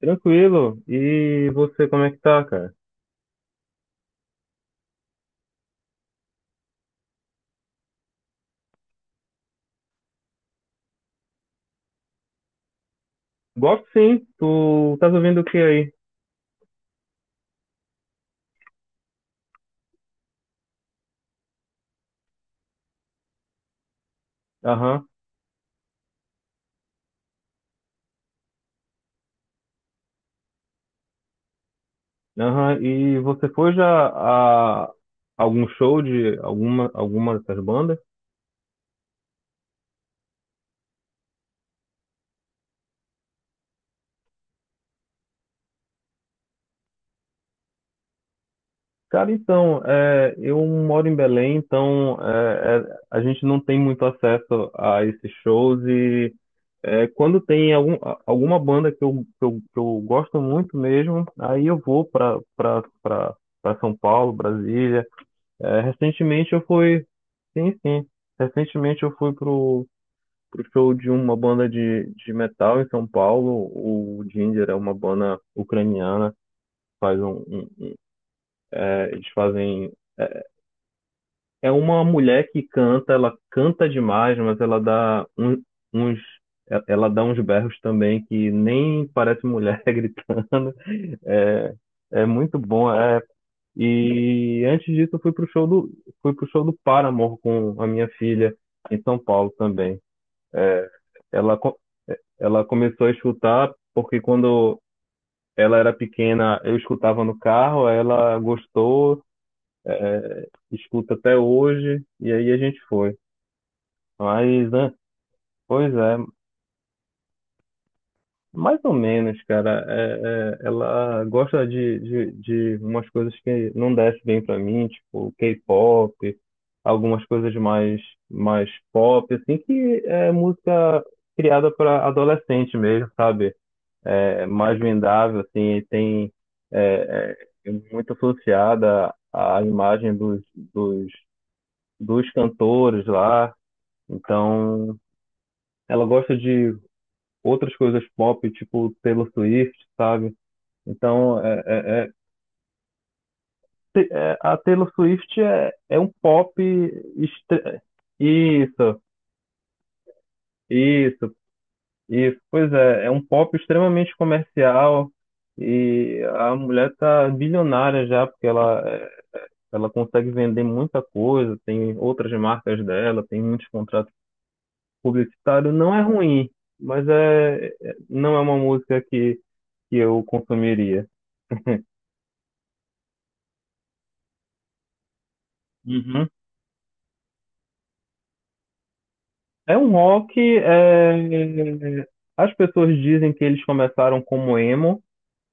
Tranquilo. E você, como é que tá, cara? Gosto sim. Tu estás ouvindo o que aí? Aham, aham. E você foi já a algum show de alguma dessas bandas? Cara, então, eu moro em Belém, então a gente não tem muito acesso a esses shows e quando tem algum, alguma banda que eu gosto muito mesmo, aí eu vou para São Paulo, Brasília. É, recentemente eu fui. Sim, sim. Recentemente eu pro show de uma banda de metal em São Paulo. O Ginger é uma banda ucraniana. Faz um, um- é, Eles fazem. É uma mulher que canta, ela canta demais, mas ela dá um- uns. E- Ela dá uns berros também que nem parece mulher gritando. É, é muito bom. E antes disso, eu fui pro show do, fui pro show do Paramore com a minha filha em São Paulo também. Ela, co- Ela começou a escutar porque quando ela era pequena, eu escutava no carro, aí ela gostou, escuta até hoje, e aí a gente foi. Mas, né, pois é, mais ou menos, cara. Ela gosta de umas coisas que não desce bem pra mim, tipo K-pop, algumas coisas mais, mais pop, assim, que é música criada para adolescente mesmo, sabe? É mais vendável, assim, e tem é, muito associada à imagem dos cantores lá. Então, ela gosta de outras coisas pop, tipo Taylor Swift, sabe? Então, a Taylor Swift é um pop. estre- Isso, isso, isso. Pois é, é um pop extremamente comercial e a mulher tá bilionária já, porque ela consegue vender muita coisa, tem outras marcas dela, tem muitos contratos publicitários. Não é ruim, mas não é uma música que eu consumiria. Uhum. É um rock. As pessoas dizem que eles começaram como emo.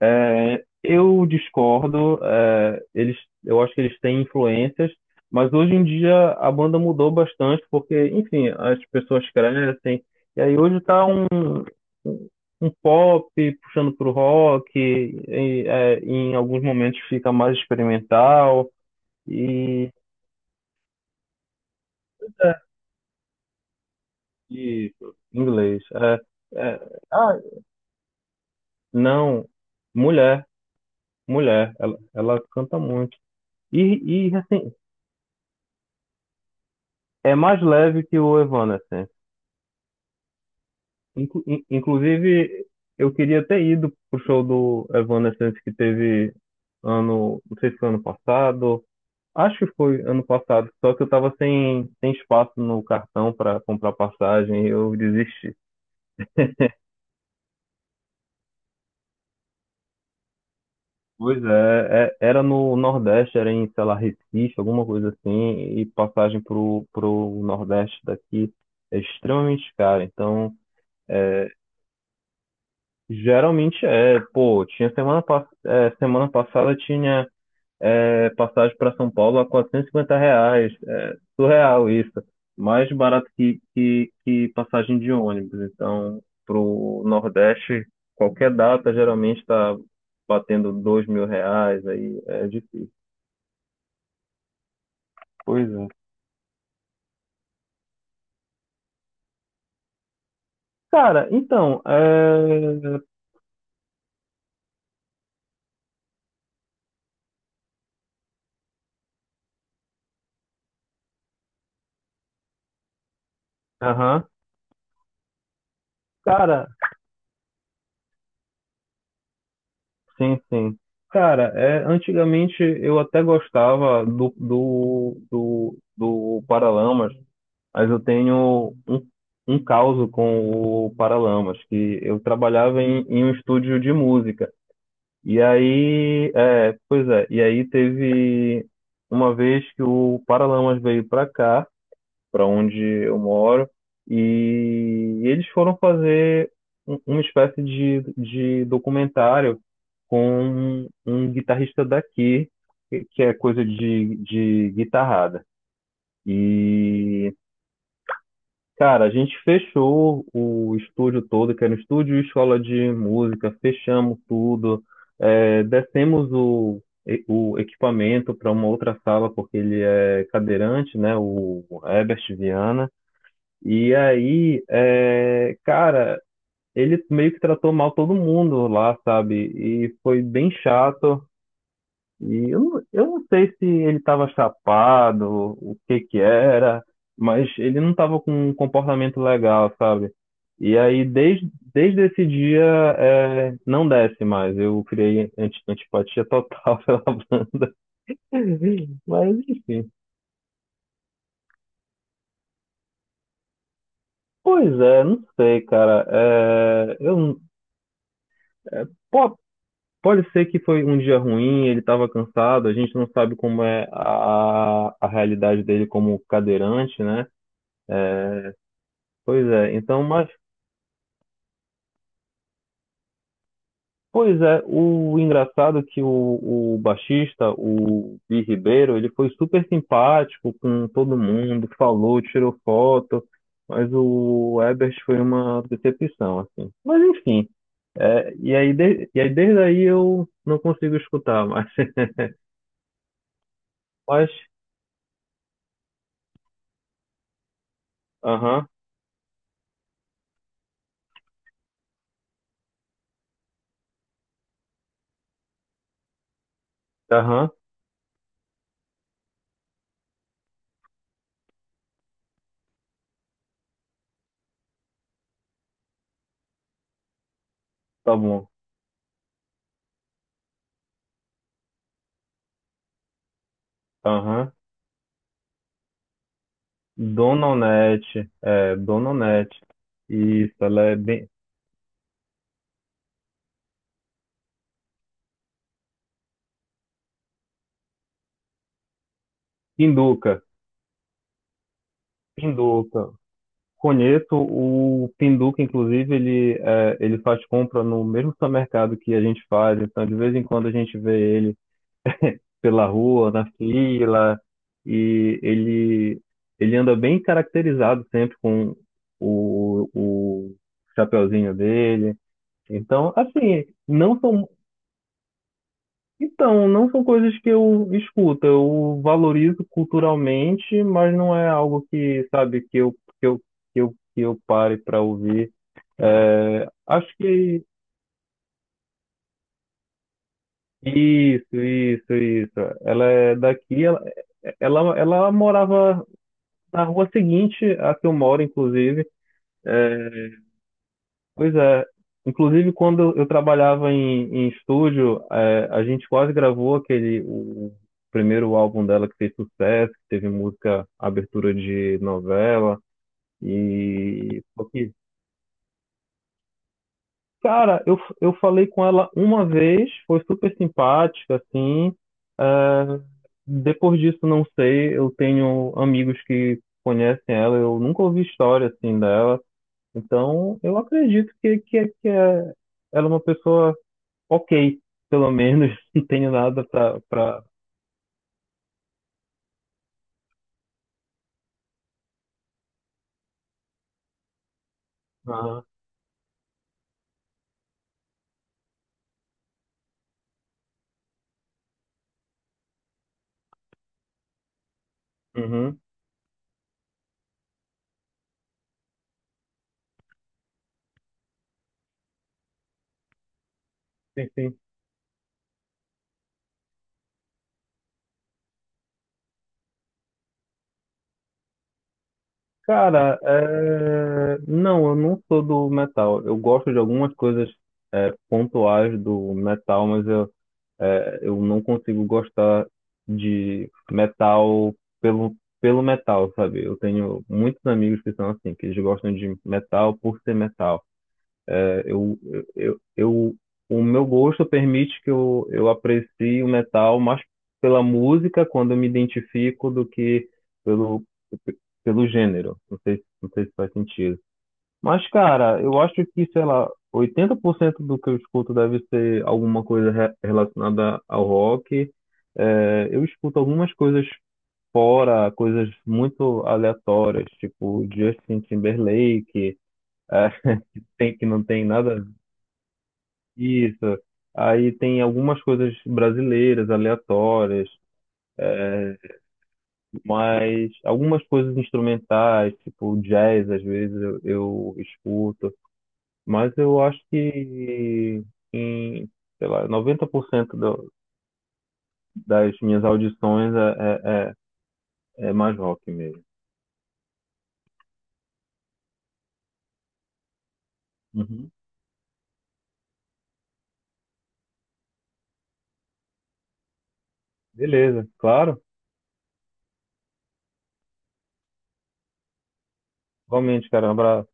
Eu discordo. Eu acho que eles têm influências, mas hoje em dia a banda mudou bastante porque, enfim, as pessoas crescem. E aí hoje um pop puxando pro rock. Em alguns momentos fica mais experimental e, é, e inglês. É, ah, não, mulher. Mulher, ela canta muito. E assim, é mais leve que o Evanescence. Inclusive, eu queria ter ido pro show do Evanescence que teve ano, não sei se foi ano passado, acho que foi ano passado, só que eu tava sem espaço no cartão para comprar passagem e eu desisti. Pois é, era no Nordeste, era em, sei lá, Recife, alguma coisa assim, e pro Nordeste daqui é extremamente cara, então é, geralmente é, pô, tinha semana, semana passada tinha passagem para São Paulo a R$ 450, é, surreal isso, mais barato que passagem de ônibus, então pro Nordeste qualquer data geralmente está batendo R$ 2.000, aí é difícil. Pois é. Cara, então, é... Aham. Cara, sim, sim. Cara, é, antigamente eu até gostava do Paralamas, mas eu tenho um caso com o Paralamas, que eu trabalhava em, em um estúdio de música. E aí, pois é, e aí teve uma vez que o Paralamas veio pra cá, para onde eu moro, e eles foram fazer uma espécie de documentário com um guitarrista daqui, que é coisa de guitarrada. E, cara, a gente fechou o estúdio todo, que era um estúdio e escola de música, fechamos tudo, descemos o equipamento para uma outra sala, porque ele é cadeirante, né, o Herbert Viana. E aí, é, cara, ele meio que tratou mal todo mundo lá, sabe? E foi bem chato. E eu, eu não sei se ele estava chapado, o que que era, mas ele não estava com um comportamento legal, sabe? E aí, desde esse dia, é, não desce mais. Eu criei antipatia total pela banda. Mas, enfim. Pois é, não sei, cara. É, eu, pode ser que foi um dia ruim, ele estava cansado, a gente não sabe como é a realidade dele como cadeirante, né? Pois é, então, mas, pois é, o engraçado é o baixista, o Bi Ribeiro, ele foi super simpático com todo mundo, falou, tirou foto, mas o Ebert foi uma decepção, assim. Mas enfim, e aí, e aí desde aí eu não consigo escutar mais. Mas, aham, aham, tá bom, aham. Dona Onete, é, Dona Onete, isso, ela é bem. Pinduca, Pinduca. Conheço o Pinduca, inclusive, ele, é, ele faz compra no mesmo supermercado que a gente faz, então de vez em quando a gente vê ele pela rua, na fila, e ele, ele anda bem caracterizado sempre com o chapeuzinho dele. Então, assim, não são... Então, não são coisas que eu escuto, eu valorizo culturalmente, mas não é algo que, sabe, que eu pare para ouvir. É, acho que isso, isso, isso. Ela é daqui, ela morava na rua seguinte à que eu moro, inclusive. É, pois é. Inclusive, quando eu trabalhava em, em estúdio, é, a gente quase gravou aquele, o primeiro álbum dela que fez sucesso, que teve música, abertura de novela. E só que, cara, eu falei com ela uma vez, foi super simpática, assim. É, depois disso, não sei. Eu tenho amigos que conhecem ela, eu nunca ouvi história assim dela. Então, eu acredito que, é, ela é uma pessoa ok, pelo menos não tenho nada pra, pra... Ah, uhum, sim, sim. Cara, é... não, eu não sou do metal. Eu gosto de algumas coisas é, pontuais do metal, mas eu, é, eu não consigo gostar de metal pelo, pelo metal, sabe? Eu tenho muitos amigos que são assim, que eles gostam de metal por ser metal. É, eu, eu, o meu gosto permite que eu aprecie o metal mais pela música quando eu me identifico do que pelo, pelo gênero. Não sei, não sei se faz sentido. Mas, cara, eu acho que, sei lá, 80% do que eu escuto deve ser alguma coisa relacionada ao rock. É, eu escuto algumas coisas fora, coisas muito aleatórias, tipo Justin Timberlake, é, que tem, que não tem nada isso. Aí tem algumas coisas brasileiras, aleatórias, mas algumas coisas instrumentais, tipo jazz, às vezes eu escuto. Mas eu acho que em, sei lá, 90% do, das minhas audições é mais rock mesmo. Uhum. Beleza, claro. Igualmente, cara. Um abraço.